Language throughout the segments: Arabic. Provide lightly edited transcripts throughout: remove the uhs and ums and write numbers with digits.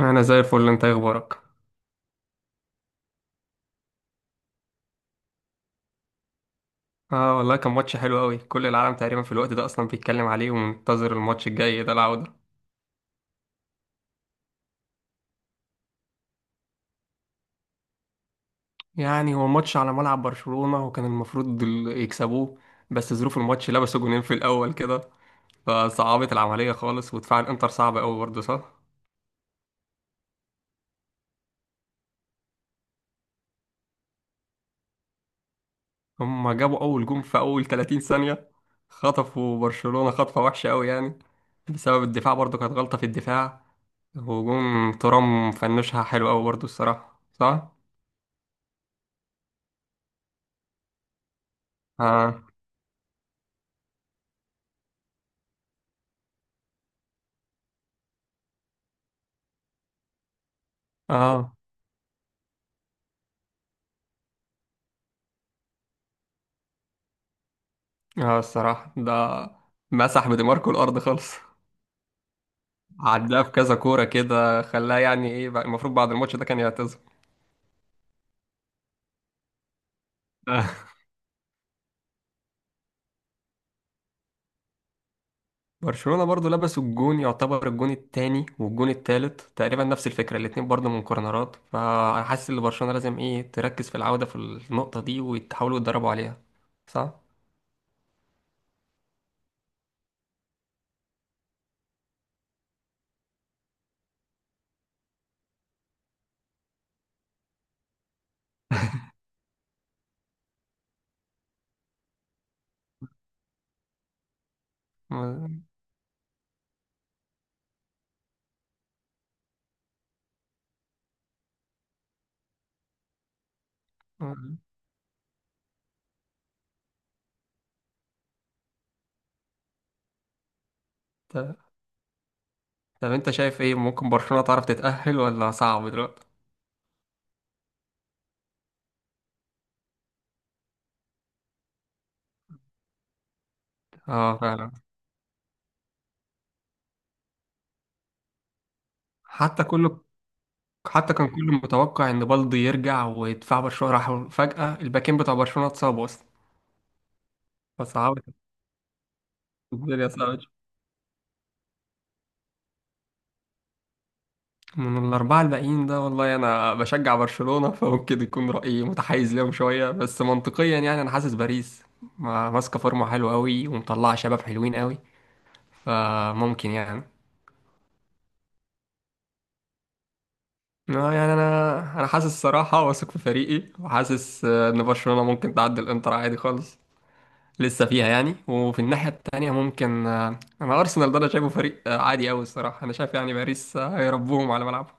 انا زي الفل. انت إيه اخبارك؟ اه، والله كان ماتش حلو قوي. كل العالم تقريبا في الوقت ده اصلا بيتكلم عليه ومنتظر الماتش الجاي ده العودة. يعني هو ماتش على ملعب برشلونة وكان المفروض يكسبوه. بس ظروف الماتش لبسوا جونين في الاول كده. فصعبت العملية خالص، ودفاع الانتر صعب قوي برضه، صح. هما جابوا اول جون في اول 30 ثانية. خطفوا برشلونة خطفة وحشة قوي، يعني بسبب الدفاع، برضه كانت غلطة في الدفاع. وجون ترام فنشها حلو قوي برضه الصراحة، صح. اه، اه، اه، الصراحة ده، مسح بدماركو الأرض خالص. عداه في كذا كورة كده، خلاه يعني ايه المفروض بعد الماتش ده كان يعتزل. برشلونة برضو لبسوا الجون. يعتبر الجون التاني والجون التالت تقريبا نفس الفكرة، الاتنين برضو من كورنرات. فحاسس ان برشلونة لازم ايه تركز في العودة في النقطة دي ويحاولوا يتدربوا عليها. صح؟ م- م- ط- طب انت شايف ايه، ممكن برشلونة تعرف تتأهل ولا صعب دلوقتي؟ اه، فعلا. حتى كل حتى كان كل متوقع ان بالدي يرجع ويدفع برشلونه، راح فجاه الباكين بتاع برشلونه اتصابوا اصلا. فصعبت. الدنيا صعبت. من الاربعه الباقيين ده، والله انا بشجع برشلونه فممكن يكون رايي متحيز ليهم شويه، بس منطقيا يعني انا حاسس باريس ماسكه فورمه حلوه قوي، ومطلعه شباب حلوين قوي. فممكن يعني. يعني انا حاسس الصراحه، واثق في فريقي، وحاسس ان برشلونه ممكن تعدي الانتر عادي خالص. لسه فيها يعني. وفي الناحية التانية ممكن، أنا أرسنال ده أنا شايفه فريق عادي أوي الصراحة. أنا شايف يعني باريس هيربوهم على ملعبهم.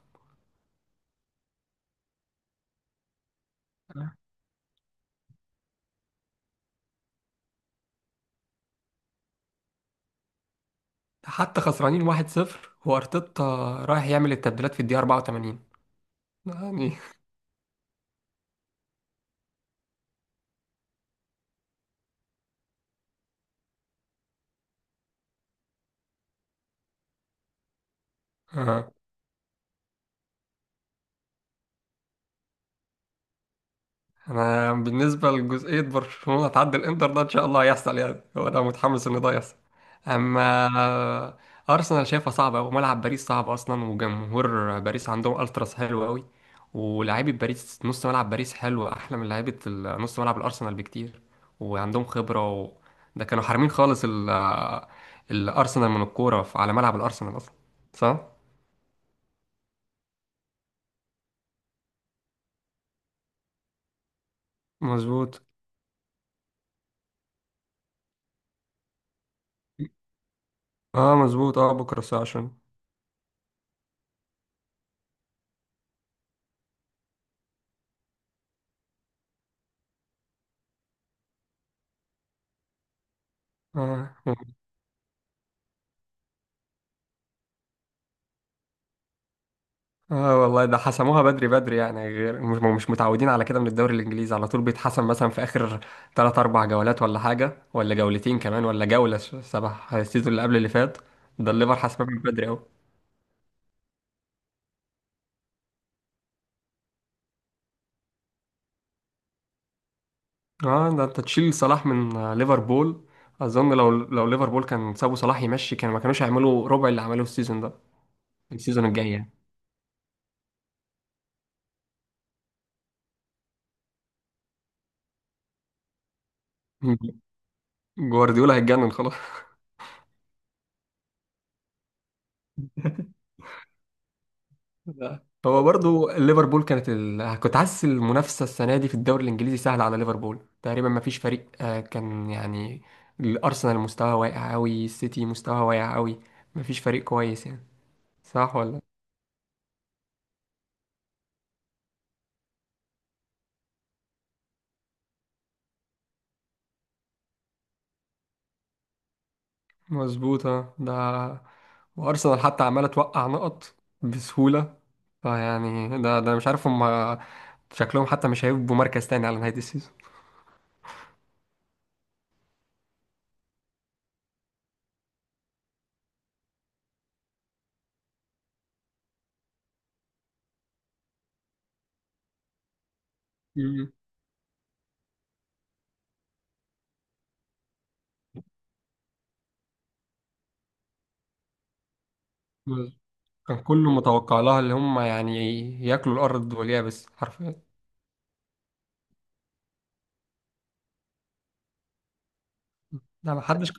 حتى خسرانين 1-0، وأرتيتا رايح يعمل التبديلات في الدقيقة 84 يعني. انا بالنسبه لجزئيه برشلونه تعدي الانتر ده، ان شاء الله هيحصل. يعني هو انا متحمس ان ده يحصل. اما ارسنال شايفها صعبه، وملعب باريس صعب اصلا، وجمهور باريس عندهم التراس حلو قوي. ولاعيبه باريس، نص ملعب باريس حلو، احلى من لعيبه نص ملعب الارسنال بكتير. وعندهم خبره ده كانوا حارمين خالص الارسنال من الكوره على ملعب الارسنال اصلا، صح. مظبوط. اه، مظبوط. اه، بكره الساعه 10. اه. اه، والله ده حسموها بدري بدري. يعني غير مش متعودين على كده، من الدوري الانجليزي على طول بيتحسم مثلا في اخر تلات اربع جولات ولا حاجه، ولا جولتين كمان، ولا جوله. سبع السيزون اللي قبل اللي فات، ده الليفر حسمها من بدري قوي. اه، ده انت تشيل صلاح من ليفربول، اظن لو ليفربول كان سابوا صلاح يمشي، كانوا ما كانوش هيعملوا ربع اللي عملوه السيزون ده. السيزون الجاي يعني. جوارديولا هيتجنن خلاص. لا. هو برضو ليفربول كانت كنت حاسس المنافسة السنة دي في الدوري الإنجليزي سهلة على ليفربول تقريبا. ما فيش فريق كان يعني. الأرسنال مستواه واقع أوي، السيتي مستواه واقع أوي. ما فيش فريق كويس يعني، صح ولا؟ مظبوطة ده. وأرسنال حتى عمالة توقع نقط بسهولة. فيعني ده أنا مش عارف هم، شكلهم حتى مش هيبقوا مركز تاني على نهاية السيزون. مم. كان كله متوقع لها اللي هم يعني ياكلوا الأرض واليابس حرفيا. ده ما حدش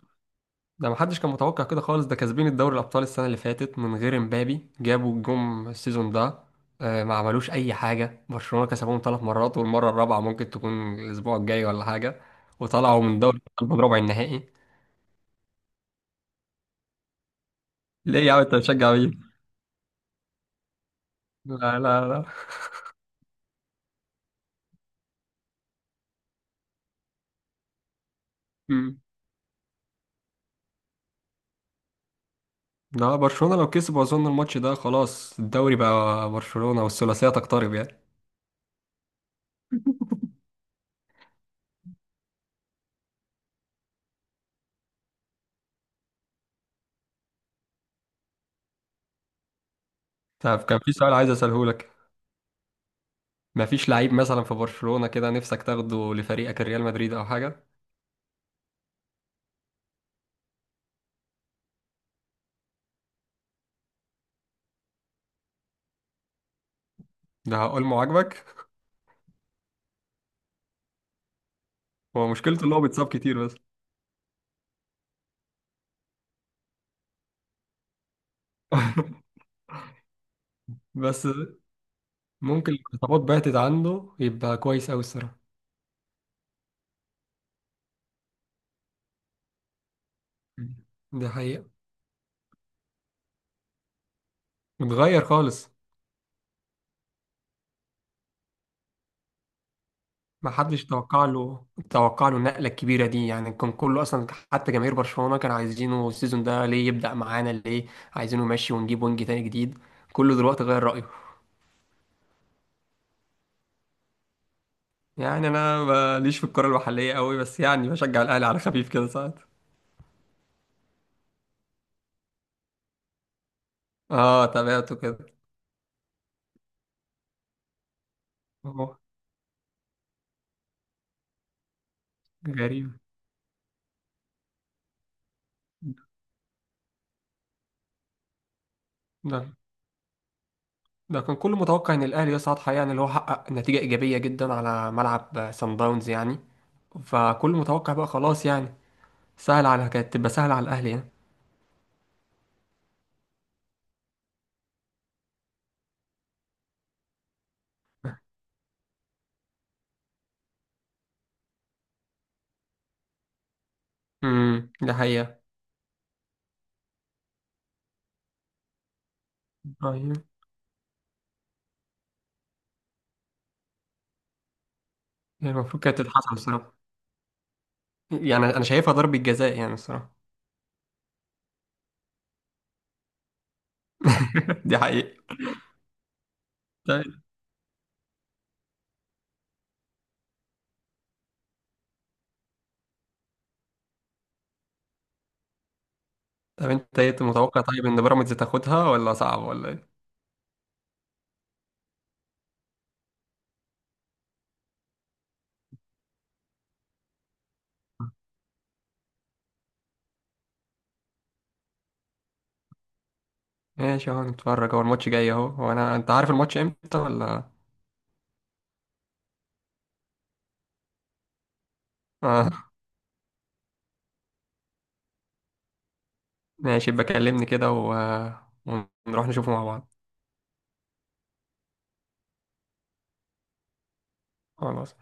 ده ما حدش كان متوقع كده خالص. ده كاسبين الدوري الابطال السنه اللي فاتت من غير امبابي، جابوا جم السيزون ده. ما عملوش اي حاجه. برشلونه كسبهم 3 مرات، والمره الرابعه ممكن تكون الاسبوع الجاي ولا حاجه، وطلعوا من دوري الابطال من ربع النهائي. ليه يا عم، انت بتشجع مين؟ لا، لا، لا. مم. ده برشلونه لو كسب اظن الماتش ده، خلاص الدوري بقى برشلونه والثلاثيه تقترب يعني. طب كان في سؤال عايز اساله لك. ما فيش لعيب مثلا في برشلونه كده نفسك تاخده لفريقك الريال مدريد او حاجه؟ ده هقول ما عاجبك. هو مشكلته اللي هو بيتصاب كتير بس. بس ممكن الخطابات بعتت عنده، يبقى كويس أوي الصراحة. ده حقيقة. اتغير خالص. ما حدش توقع له النقلة الكبيرة دي يعني، كان كله أصلا حتى جماهير برشلونة كانوا عايزينه السيزون ده. ليه يبدأ معانا؟ ليه؟ عايزينه ماشي ونجيب وينج تاني جديد. كله دلوقتي غير رأيه. يعني أنا ماليش في الكرة المحلية قوي، بس يعني بشجع الأهلي على خفيف كده ساعات. اه، تابعته كده. أهو، غريب. ده ده كان كل متوقع ان الاهلي يصعد حقيقة، يعني اللي هو حقق نتيجة ايجابية جدا على ملعب سان داونز يعني. فكل متوقع بقى خلاص يعني. سهل على كانت تبقى سهلة على الاهلي يعني. ده حقيقة. ايوه، يعني المفروض كانت تتحسب الصراحة. يعني انا شايفها ضربة جزاء يعني الصراحة. دي حقيقة. طيب. طب انت ايه متوقع طيب ان بيراميدز تاخدها ولا صعب ولا ايه؟ ماشي، اهو نتفرج. هو الماتش جاي اهو. هو انا انت عارف الماتش امتى ولا؟ اه. ماشي، يبقى كلمني كده ونروح نشوفه مع بعض. خلاص.